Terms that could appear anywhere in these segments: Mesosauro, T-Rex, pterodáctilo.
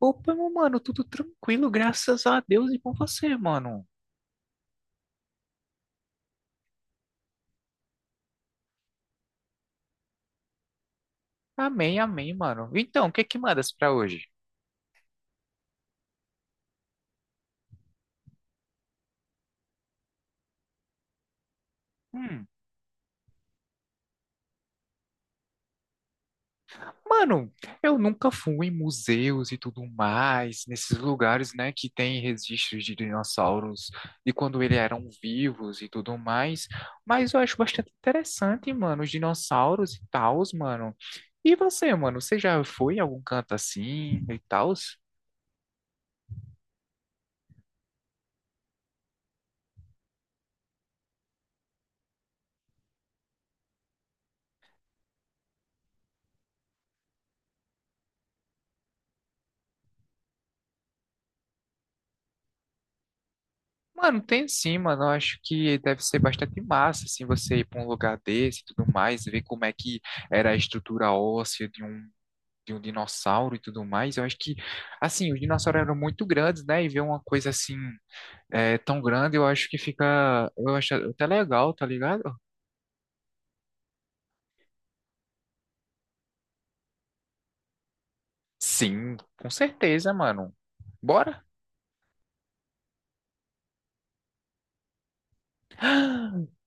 Opa, meu mano, tudo tranquilo, graças a Deus e com você, mano. Amém, amém, mano. Então, o que é que mandas pra hoje? Hum, mano, eu nunca fui em museus e tudo mais, nesses lugares, né, que tem registros de dinossauros de quando eles eram vivos e tudo mais, mas eu acho bastante interessante, mano, os dinossauros e tals, mano. E você, mano, você já foi em algum canto assim e tal? Mano, tem sim, mano. Eu acho que deve ser bastante massa, assim, você ir para um lugar desse e tudo mais, ver como é que era a estrutura óssea de um dinossauro e tudo mais. Eu acho que, assim, os dinossauros eram muito grandes, né? E ver uma coisa assim, é, tão grande, eu acho que fica. Eu acho até legal, tá ligado? Sim, com certeza, mano. Bora?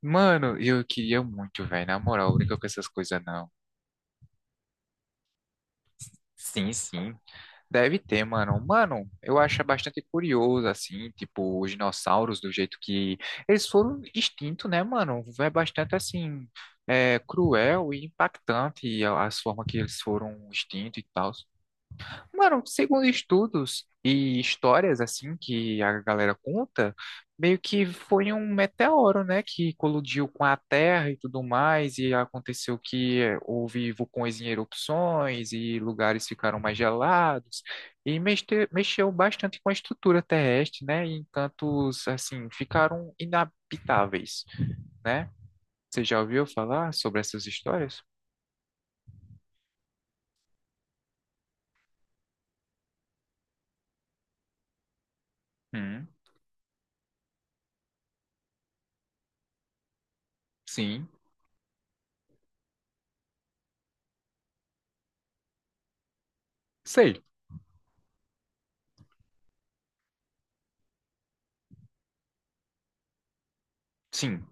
Mano, eu queria muito, velho. Na moral, brinca com essas coisas, não. Sim, sim. Deve ter, mano. Mano, eu acho bastante curioso, assim, tipo, os dinossauros, do jeito que eles foram extintos, né, mano? É bastante, assim, é, cruel e impactante a forma que eles foram extintos e tal. Mano, segundo estudos e histórias assim que a galera conta, meio que foi um meteoro, né, que colidiu com a Terra e tudo mais, e aconteceu que houve vulcões em erupções e lugares ficaram mais gelados, e mexeu bastante com a estrutura terrestre, né, e encantos assim ficaram inabitáveis, né? Você já ouviu falar sobre essas histórias? Hum, sim, sei, sim.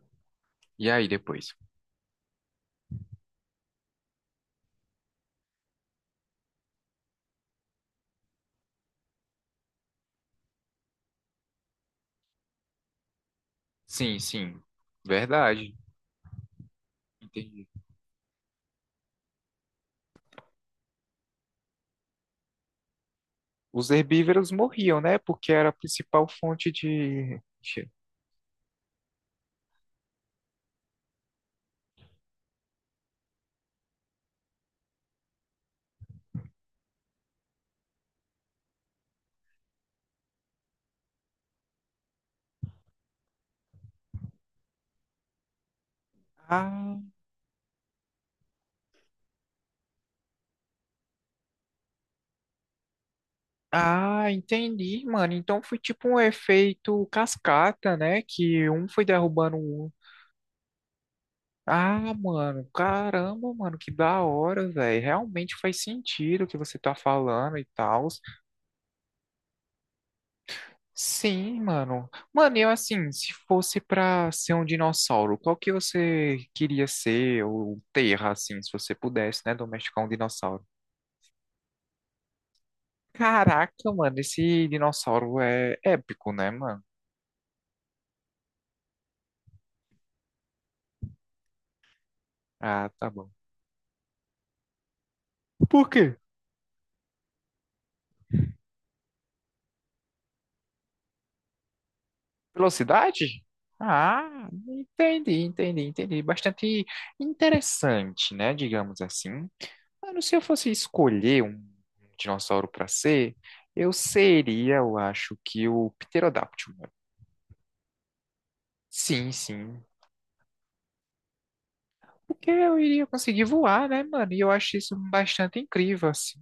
E aí depois? Sim, sim. Verdade. Entendi. Os herbívoros morriam, né? Porque era a principal fonte de. Ah, ah, entendi, mano. Então foi tipo um efeito cascata, né? Que um foi derrubando o outro. Ah, mano, caramba, mano, que da hora, velho. Realmente faz sentido o que você tá falando e tal. Sim, mano. Mano, eu assim, se fosse pra ser um dinossauro, qual que você queria ser ou terra, assim, se você pudesse, né, domesticar um dinossauro? Caraca, mano, esse dinossauro é épico, né, mano? Ah, tá bom. Por quê? Velocidade? Ah, entendi, entendi, entendi. Bastante interessante, né, digamos assim. Mano, se eu fosse escolher um dinossauro pra ser, eu seria, eu acho que o pterodáctilo. Sim, sim. Porque eu iria conseguir voar, né, mano? E eu acho isso bastante incrível, assim.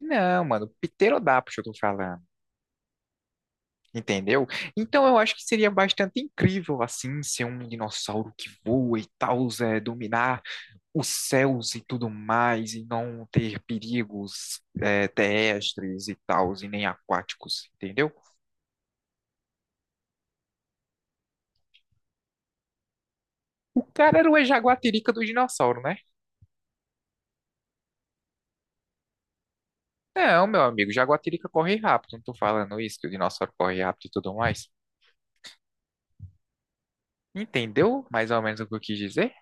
Não, mano, pterodáptero eu tô falando, entendeu? Então eu acho que seria bastante incrível, assim, ser um dinossauro que voa e tal, é, dominar os céus e tudo mais, e não ter perigos, é, terrestres e tal, e nem aquáticos, entendeu? O cara era o jaguatirica do dinossauro, né? Não, meu amigo, jaguatirica corre rápido, não tô falando isso, que o dinossauro corre rápido e tudo mais. Entendeu mais ou menos o que eu quis dizer?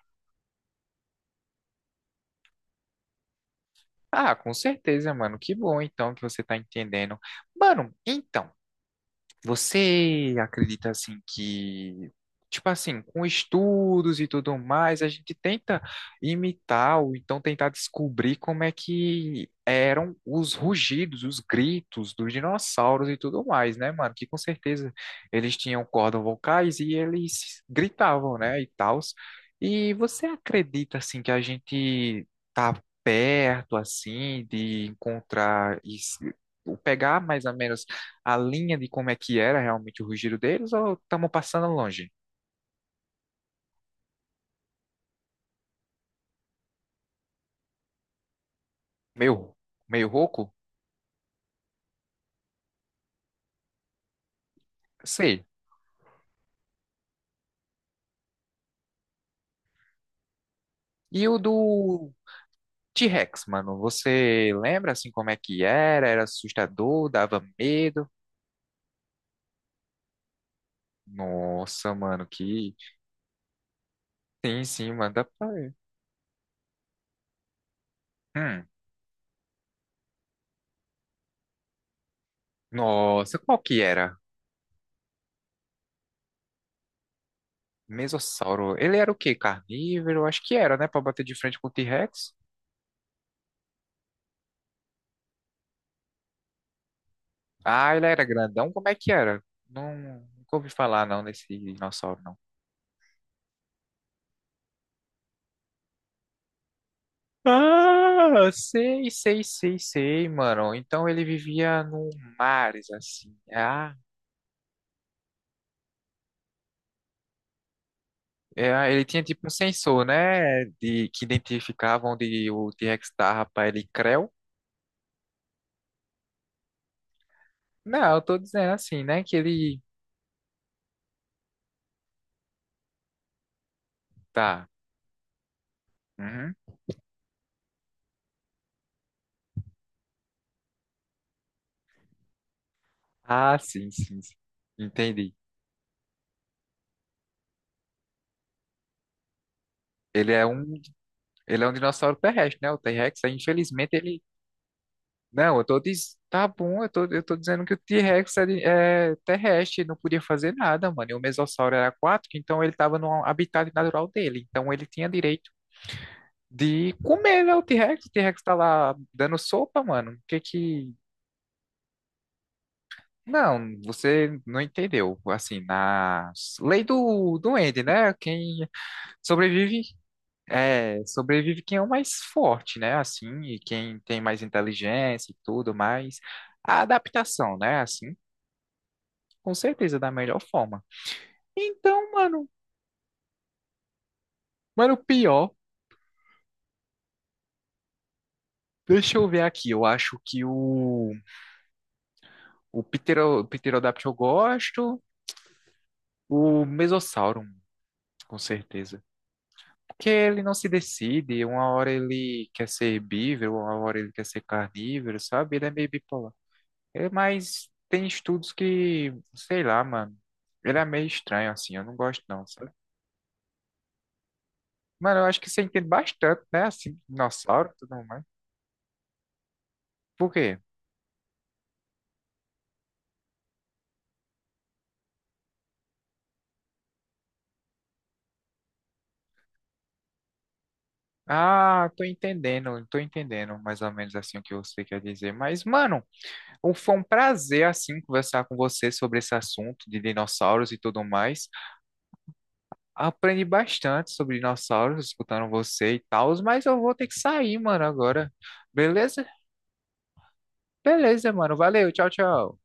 Ah, com certeza, mano. Que bom então que você tá entendendo. Mano, então. Você acredita assim que, tipo assim, com estudos e tudo mais, a gente tenta imitar ou então tentar descobrir como é que eram os rugidos, os gritos dos dinossauros e tudo mais, né, mano? Que com certeza eles tinham cordas vocais e eles gritavam, né, e tals. E você acredita assim que a gente tá perto assim de encontrar isso, ou pegar mais ou menos a linha de como é que era realmente o rugido deles ou estamos passando longe? Meio, meio rouco? Sei. E o do T-Rex, mano, você lembra assim como é que era? Era assustador, dava medo? Nossa, mano, que... Sim, sim, mano, dá pra ver. Hum, nossa, qual que era? Mesossauro. Ele era o quê? Carnívoro? Acho que era, né? Pra bater de frente com o T-Rex. Ah, ele era grandão? Como é que era? Não, nunca ouvi falar, não, desse dinossauro. Ah, sei, sei, sei, sei, mano. Então ele vivia no mares, assim. Ah, é, ele tinha tipo um sensor, né? De, que identificava onde o T-Rex tava pra ele creu. Não, eu tô dizendo assim, né? Que ele. Tá. Uhum. Ah, sim, sim, sim. Entendi. Ele é um, ele é um dinossauro terrestre, né? O T-Rex, aí, infelizmente, ele... Não, eu tô diz... Tá bom, eu tô dizendo que o T-Rex é, de- é terrestre, não podia fazer nada, mano. E o Mesossauro era aquático, então ele tava no habitat natural dele. Então ele tinha direito de comer, né, o T-Rex. O T-Rex tá lá dando sopa, mano. O que que... Não, você não entendeu. Assim, na lei do duende, né? Quem sobrevive, é, sobrevive quem é o mais forte, né? Assim, e quem tem mais inteligência e tudo mais. A adaptação, né? Assim. Com certeza, da melhor forma. Então, mano, mano, pior. Deixa eu ver aqui. Eu acho que o Ptero, Pterodáctilo eu gosto. O Mesossauro, com certeza. Porque ele não se decide. Uma hora ele quer ser herbívoro, uma hora ele quer ser carnívoro, sabe? Ele é meio bipolar. É, mas tem estudos que, sei lá, mano. Ele é meio estranho, assim. Eu não gosto, não, sabe? Mano, eu acho que você entende bastante, né? Assim, dinossauro e tudo mais. Por quê? Ah, tô entendendo mais ou menos assim o que você quer dizer. Mas, mano, foi um prazer, assim, conversar com você sobre esse assunto de dinossauros e tudo mais. Aprendi bastante sobre dinossauros escutando você e tal, mas eu vou ter que sair, mano, agora. Beleza? Beleza, mano. Valeu, tchau, tchau.